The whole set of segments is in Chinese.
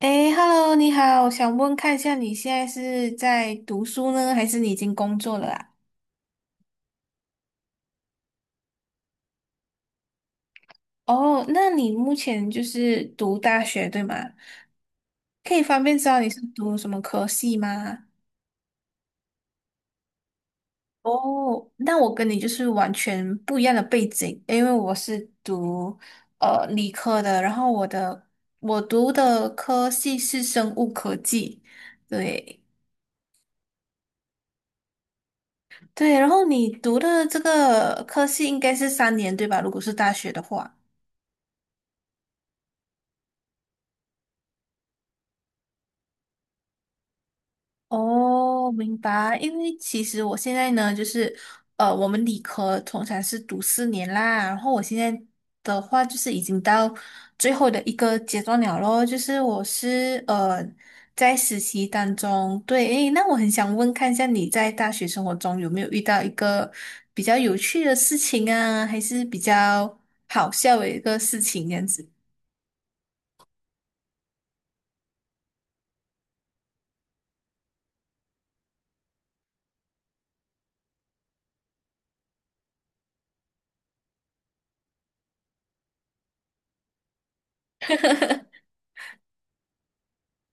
诶 h e l l o 你好，我想问看一下你现在是在读书呢，还是你已经工作了啊？哦，那你目前就是读大学对吗？可以方便知道你是读什么科系吗？哦，那我跟你就是完全不一样的背景，因为我是读理科的，然后我读的科系是生物科技，对对。然后你读的这个科系应该是三年对吧？如果是大学的话。哦，明白。因为其实我现在呢，就是我们理科通常是读四年啦，然后我现在的话就是已经到最后的一个阶段了咯，就是我是在实习当中。对，诶，那我很想问看一下你在大学生活中有没有遇到一个比较有趣的事情啊，还是比较好笑的一个事情这样子？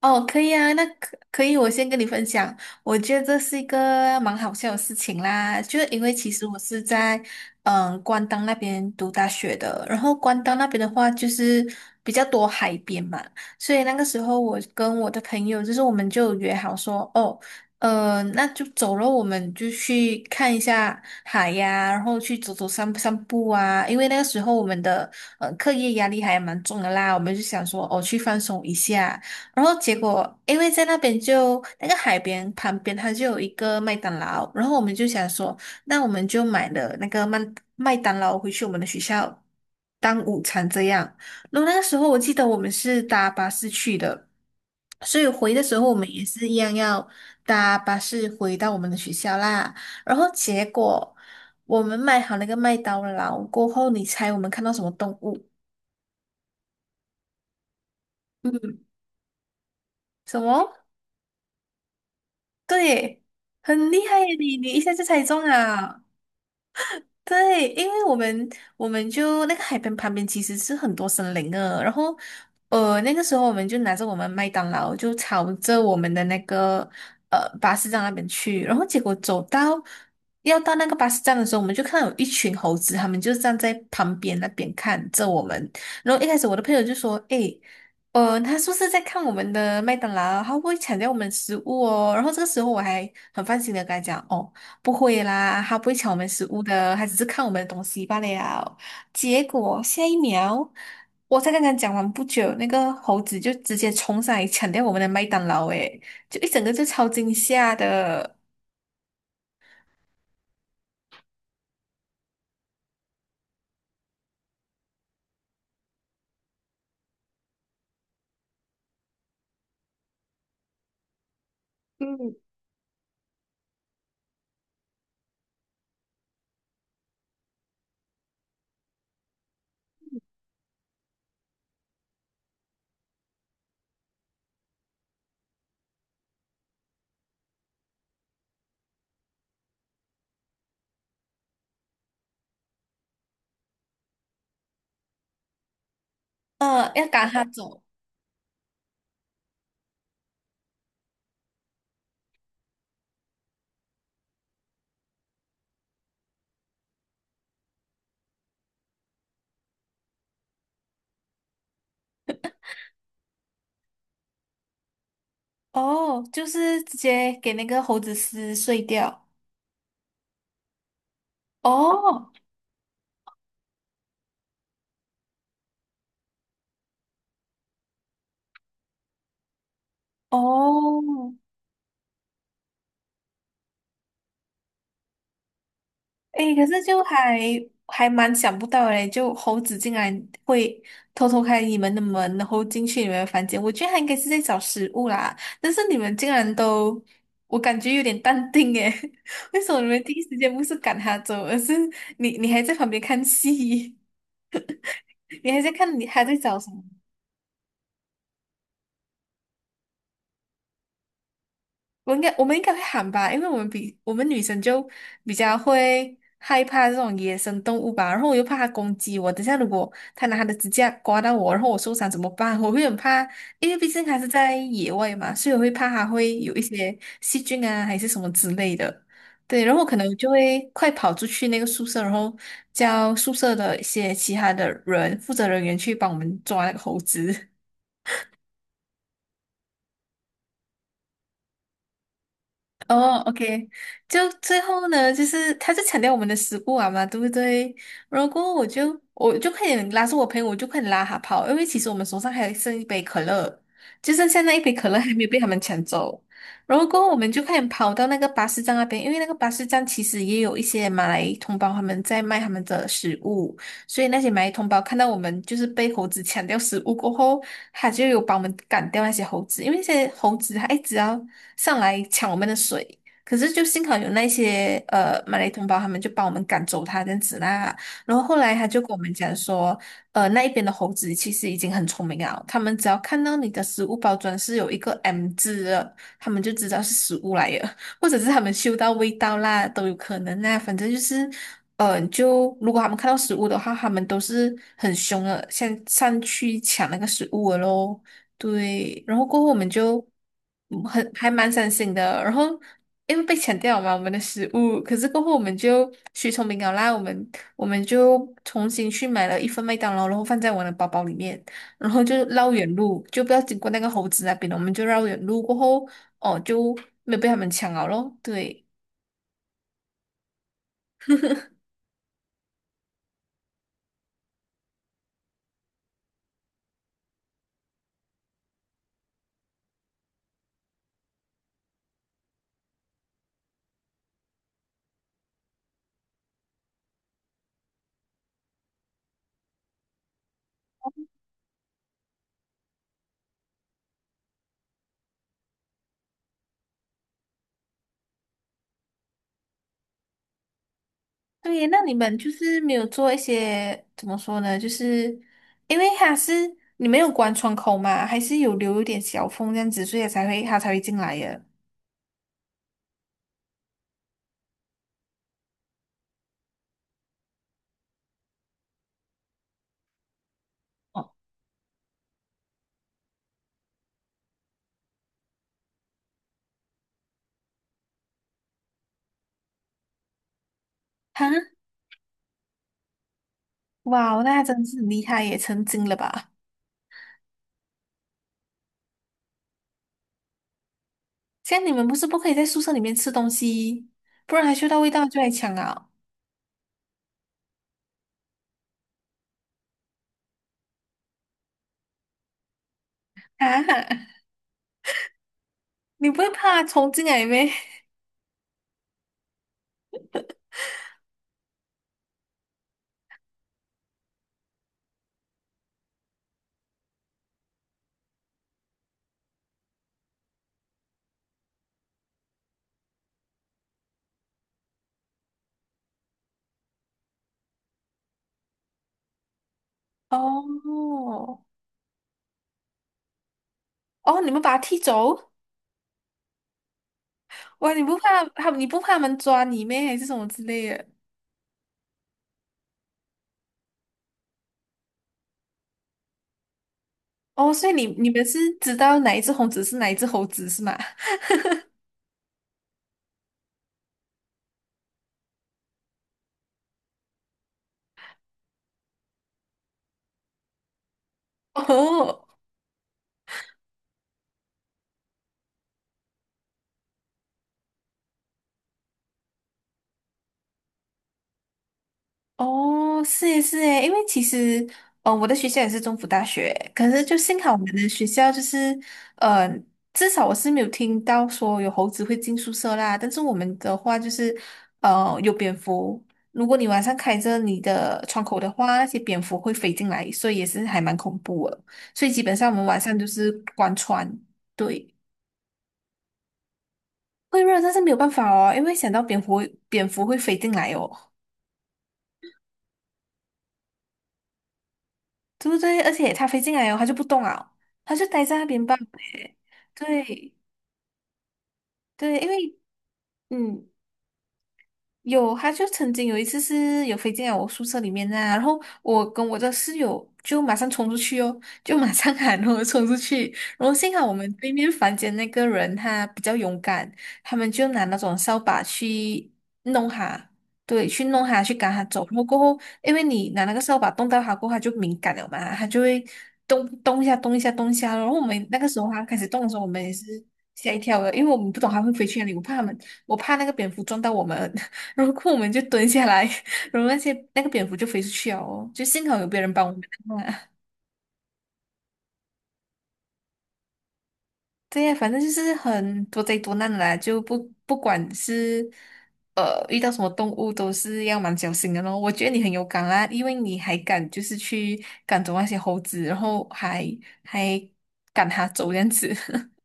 哦，可以啊，那可以，我先跟你分享，我觉得这是一个蛮好笑的事情啦，就是因为其实我是在关岛那边读大学的，然后关岛那边的话就是比较多海边嘛，所以那个时候我跟我的朋友就是我们就约好说，哦，那就走了，我们就去看一下海呀，然后去走走散散步啊，因为那个时候我们的课业压力还蛮重的啦，我们就想说哦去放松一下。然后结果，因为在那边就那个海边旁边，它就有一个麦当劳，然后我们就想说，那我们就买了那个麦当劳回去我们的学校当午餐这样。然后那个时候我记得我们是搭巴士去的，所以回的时候我们也是一样要搭巴士回到我们的学校啦。然后结果我们买好那个麦当劳过后，你猜我们看到什么动物？嗯，什么？对，很厉害耶你，你一下就猜中了。对，因为我们就那个海边旁边其实是很多森林的，然后那个时候我们就拿着我们麦当劳就朝着我们的那个巴士站那边去，然后结果走到要到那个巴士站的时候，我们就看到有一群猴子，他们就站在旁边那边看着我们，然后一开始我的朋友就说：“诶。”呃，他是不是在看我们的麦当劳，他会不会抢掉我们的食物哦。然后这个时候我还很放心的跟他讲，哦。不会啦，他不会抢我们食物的，他只是看我们的东西罢了。结果下一秒，我才刚刚讲完不久，那个猴子就直接冲上来抢掉我们的麦当劳，诶，就一整个就超惊吓的。要赶他走。哦，就是直接给那个猴子撕碎掉。哦。哦，诶，可是就还蛮想不到诶，就猴子竟然会偷偷开你们的门，然后进去你们的房间。我觉得他应该是在找食物啦，但是你们竟然都，我感觉有点淡定诶。为什么你们第一时间不是赶它走，而是你还在旁边看戏。你还在看你还在找什么？我们应该会喊吧，因为我们女生就比较会害怕这种野生动物吧，然后我又怕它攻击我，等下如果它拿它的指甲刮到我，然后我受伤怎么办？我会很怕，因为毕竟它是在野外嘛，所以我会怕它会有一些细菌啊，还是什么之类的。对，然后我可能就会快跑出去那个宿舍，然后叫宿舍的一些其他的人负责人员去帮我们抓那个猴子。哦，OK,就最后呢，就是他就强调我们的食物啊嘛，对不对？然后我就快点拉住我朋友，我就快点拉他跑，因为其实我们手上还剩一杯可乐，就剩下那一杯可乐还没有被他们抢走。然后过后我们就快点跑到那个巴士站那边，因为那个巴士站其实也有一些马来同胞他们在卖他们的食物。所以那些蚂蚁同胞看到我们就是被猴子抢掉食物过后，他就有帮我们赶掉那些猴子，因为那些猴子它一直要上来抢我们的水。可是就幸好有那些马来同胞，他们就帮我们赶走它这样子啦。然后后来他就跟我们讲说，那一边的猴子其实已经很聪明了，他们只要看到你的食物包装是有一个 M 字的，他们就知道是食物来的。或者是他们嗅到味道啦，都有可能啊。反正就是，就如果他们看到食物的话，他们都是很凶的，先上去抢那个食物了咯。对，然后过后我们就很还蛮伤心的，然后因为被抢掉了嘛，我们的食物，可是过后我们就学聪明了啦，我们就重新去买了一份麦当劳，然后放在我的包包里面。然后就绕远路，就不要经过那个猴子那边了，我们就绕远路过后，哦，就没有被他们抢了咯。对。对，那你们就是没有做一些怎么说呢？就是因为它是你没有关窗口嘛，还是有留一点小缝这样子，所以它才会进来耶。哈，哇，那真是很厉害耶，成精了吧？像你们不是不可以在宿舍里面吃东西，不然它嗅到味道就来抢啊！啊，你不会怕虫进来咩？哦。哦，你们把他踢走？哇，你不怕他们抓你咩？还是什么之类的？哦，所以你你们是知道哪一只猴子是吗？哦。哦，是诶是诶，因为其实，我的学校也是中府大学，可是就幸好我们的学校就是，呃，至少我是没有听到说有猴子会进宿舍啦。但是我们的话就是，有蝙蝠，如果你晚上开着你的窗口的话，那些蝙蝠会飞进来，所以也是还蛮恐怖的。所以基本上我们晚上就是关窗。对，会热，但是没有办法哦，因为想到蝙蝠，蝙蝠会飞进来哦。对不对？而且它飞进来哦，它就不动啊，它就待在那边罢了。对对，因为嗯，有，他就曾经有一次是有飞进来我宿舍里面呐、然后我跟我的室友就马上冲出去哦，就马上喊，然后冲出去，然后幸好我们对面房间那个人他比较勇敢，他们就拿那种扫把去弄他，对，去弄他，去赶他走，然后过后，因为你拿那个扫把动到他过后，他就敏感了嘛，他就会动一下动一下，动一下，然后我们那个时候他开始动的时候，我们也是吓一跳的，因为我们不懂他会飞去哪里，我怕那个蝙蝠撞到我们，然后我们就蹲下来。然后那个蝙蝠就飞出去了哦，就幸好有别人帮我们看啊。 对呀，反正就是很多灾多难的啦，就不管是遇到什么动物都是要蛮小心的咯。我觉得你很有敢啊，因为你还敢就是去赶走那些猴子，然后还赶它走这样子。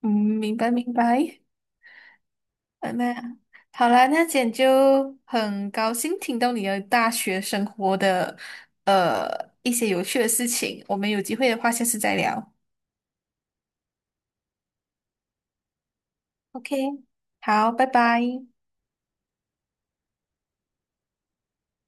嗯，明白明白。哎妈呀，好啦，那今天就很高兴听到你的大学生活的呃一些有趣的事情，我们有机会的话下次再聊。OK，好，拜拜。